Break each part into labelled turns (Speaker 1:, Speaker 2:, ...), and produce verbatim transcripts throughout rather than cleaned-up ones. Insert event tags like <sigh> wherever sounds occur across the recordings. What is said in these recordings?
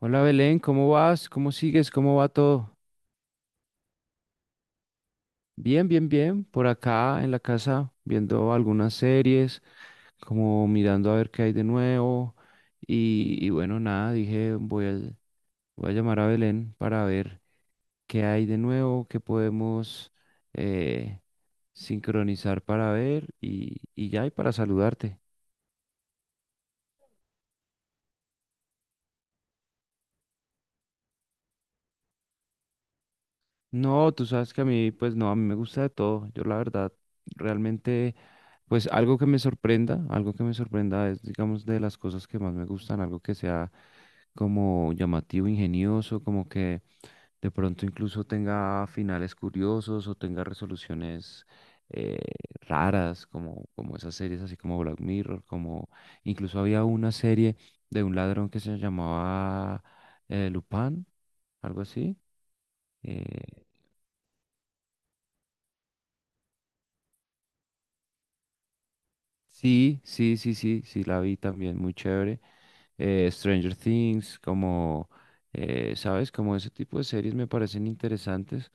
Speaker 1: Hola Belén, ¿cómo vas? ¿Cómo sigues? ¿Cómo va todo? Bien, bien, bien. Por acá en la casa viendo algunas series, como mirando a ver qué hay de nuevo. Y, y bueno, nada, dije, voy al- voy a llamar a Belén para ver qué hay de nuevo, qué podemos eh, sincronizar para ver y, y ya, y para saludarte. No, tú sabes que a mí, pues no, a mí me gusta de todo. Yo la verdad, realmente, pues algo que me sorprenda, algo que me sorprenda es, digamos, de las cosas que más me gustan, algo que sea como llamativo, ingenioso, como que de pronto incluso tenga finales curiosos o tenga resoluciones eh, raras, como, como esas series así como Black Mirror, como incluso había una serie de un ladrón que se llamaba eh, Lupin, algo así. eh, Sí, sí, sí, sí, sí, la vi también, muy chévere. Eh, Stranger Things, como, eh, ¿sabes? Como ese tipo de series me parecen interesantes.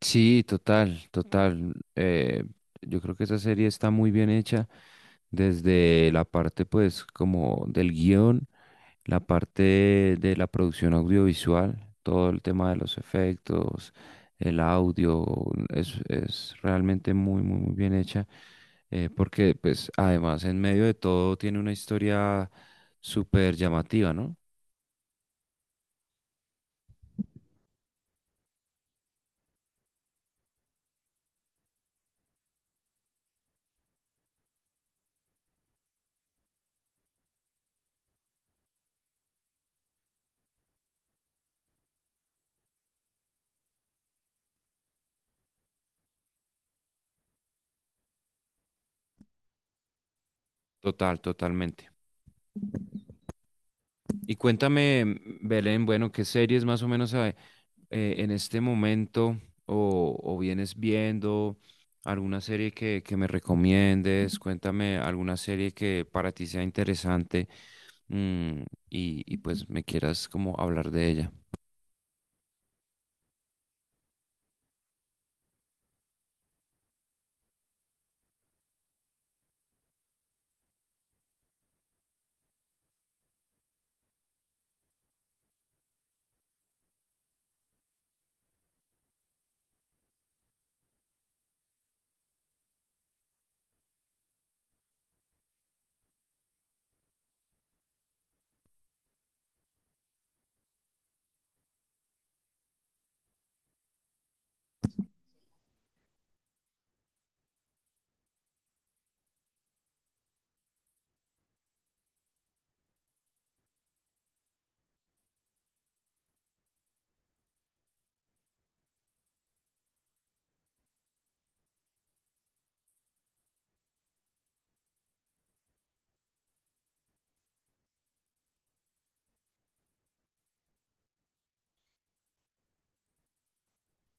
Speaker 1: Sí, total, total. Eh, yo creo que esa serie está muy bien hecha desde la parte, pues, como del guión. La parte de la producción audiovisual, todo el tema de los efectos, el audio, es, es realmente muy, muy, muy bien hecha, eh, porque pues además en medio de todo tiene una historia súper llamativa, ¿no? Total, totalmente. Y cuéntame, Belén, bueno, ¿qué series más o menos eh, eh, en este momento o, o vienes viendo? ¿Alguna serie que, que me recomiendes? Cuéntame alguna serie que para ti sea interesante mm, y, y pues me quieras como hablar de ella.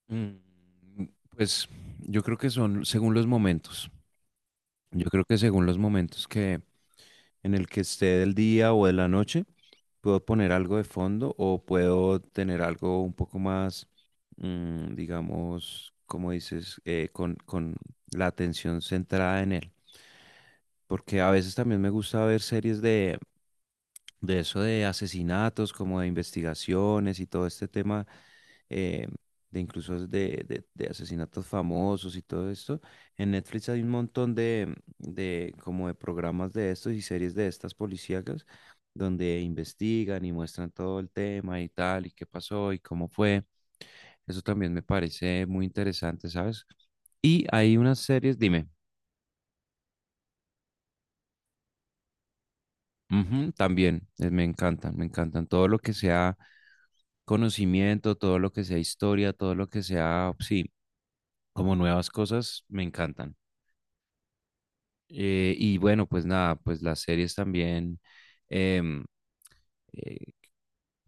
Speaker 1: Mm, Pues yo creo que son según los momentos. Yo creo que según los momentos que, en el que esté del día o de la noche, puedo poner algo de fondo o puedo tener algo un poco más, mm, digamos, como dices, eh, con, con la atención centrada en él. Porque a veces también me gusta ver series de, de eso de asesinatos, como de investigaciones y todo este tema, eh, de incluso de, de- de asesinatos famosos y todo esto. En Netflix hay un montón de, de como de programas de estos y series de estas policíacas donde investigan y muestran todo el tema y tal, y qué pasó y cómo fue. Eso también me parece muy interesante, ¿sabes? Y hay unas series, dime, ujú, también, eh, me encantan, me encantan todo lo que sea. Conocimiento, todo lo que sea historia, todo lo que sea, sí, como nuevas cosas, me encantan. Eh, y bueno, pues nada, pues las series también, em, eh,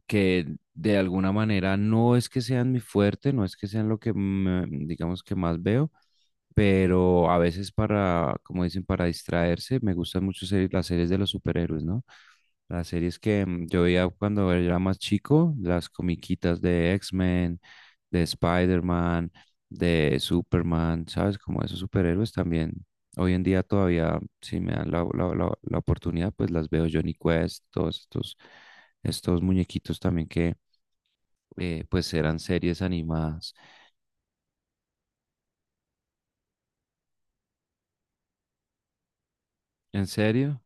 Speaker 1: que de alguna manera no es que sean mi fuerte, no es que sean lo que, me- digamos, que más veo, pero a veces para, como dicen, para distraerse, me gustan mucho series- las series de los superhéroes, ¿no? Las series que mm, yo veía cuando era más chico, las comiquitas de X-Men, de Spider-Man, de Superman, ¿sabes? Como esos superhéroes también. Hoy en día todavía, si me dan la, la- la- la oportunidad, pues las veo Johnny Quest, todos estos, estos muñequitos también que eh, pues eran series animadas. ¿En serio?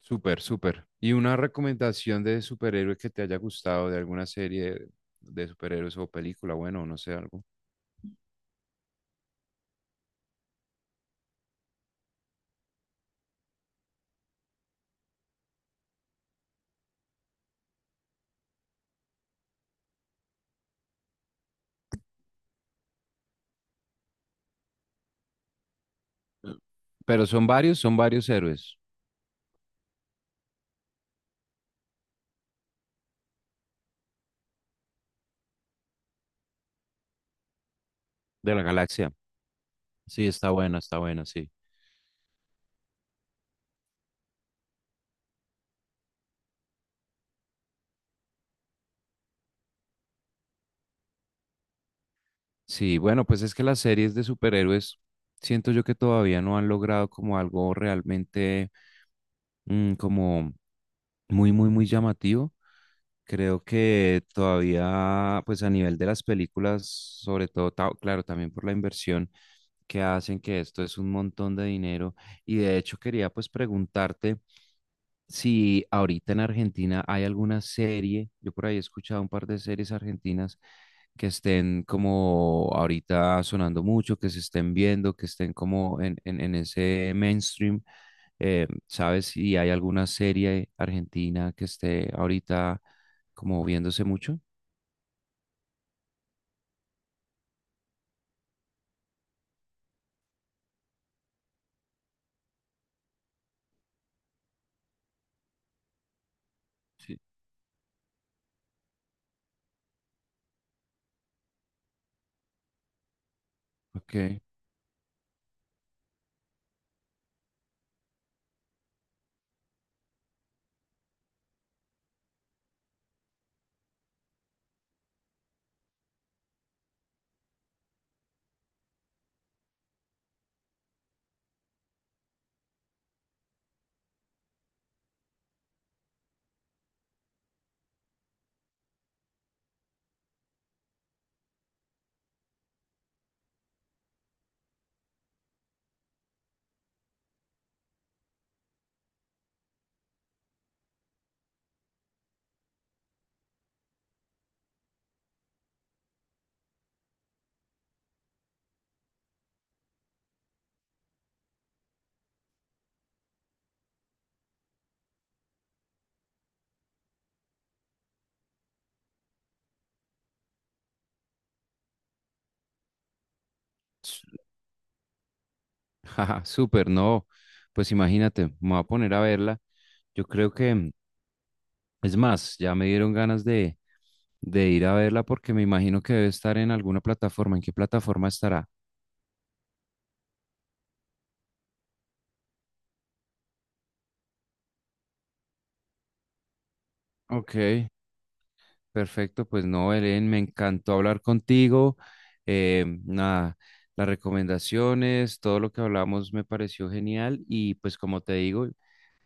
Speaker 1: Súper, súper. ¿Y una recomendación de superhéroe que te haya gustado de alguna serie de superhéroes o película? Bueno, no sé, algo. Pero son varios, son varios héroes de la galaxia. Sí, está buena, está buena, sí. Sí, bueno, pues es que las series de superhéroes siento yo que todavía no han logrado como algo realmente mm, como muy, muy, muy llamativo. Creo que todavía, pues a nivel de las películas, sobre todo, ta- claro, también por la inversión que hacen, que esto es un montón de dinero. Y de hecho quería pues preguntarte. Si ahorita en Argentina hay alguna serie, yo por ahí he escuchado un par de series argentinas que estén como ahorita sonando mucho, que se estén viendo, que estén como en, en, en ese mainstream. Eh, ¿sabes si hay alguna serie argentina que esté ahorita como viéndose mucho? Sí. Ok. Su- <laughs> jaja, súper, no, pues imagínate, me voy a poner a verla. Yo creo que... Es más, ya me dieron ganas de, de ir a verla porque me imagino que debe estar en alguna plataforma. ¿En qué plataforma estará? Ok, perfecto. Pues no, Belén, me encantó hablar contigo. Eh, nada, las recomendaciones, todo lo que hablamos me pareció genial y pues como te digo,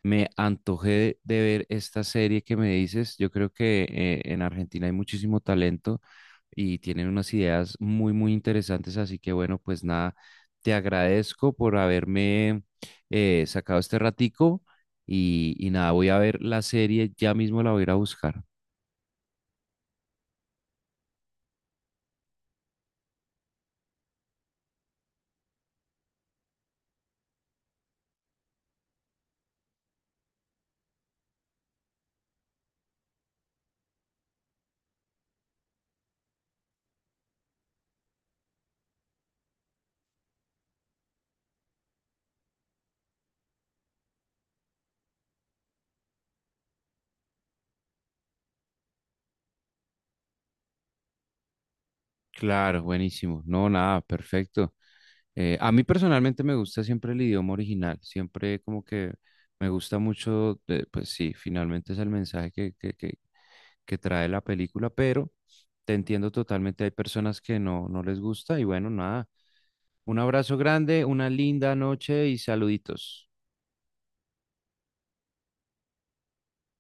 Speaker 1: me antojé de, de ver esta serie que me dices. Yo creo que eh, en Argentina hay muchísimo talento. Y tienen unas ideas muy, muy interesantes. Así que bueno, pues nada, te agradezco por haberme eh, sacado este ratico y, y nada, voy a ver la serie, ya mismo la voy a ir a buscar. Claro, buenísimo. No, nada, perfecto. Eh, a mí personalmente me gusta siempre el idioma original, siempre como que me gusta mucho, eh, pues sí, finalmente es el mensaje que, que, que, que trae la película, pero te entiendo totalmente, hay personas que no, no les gusta y bueno, nada, un abrazo grande, una linda noche y saluditos.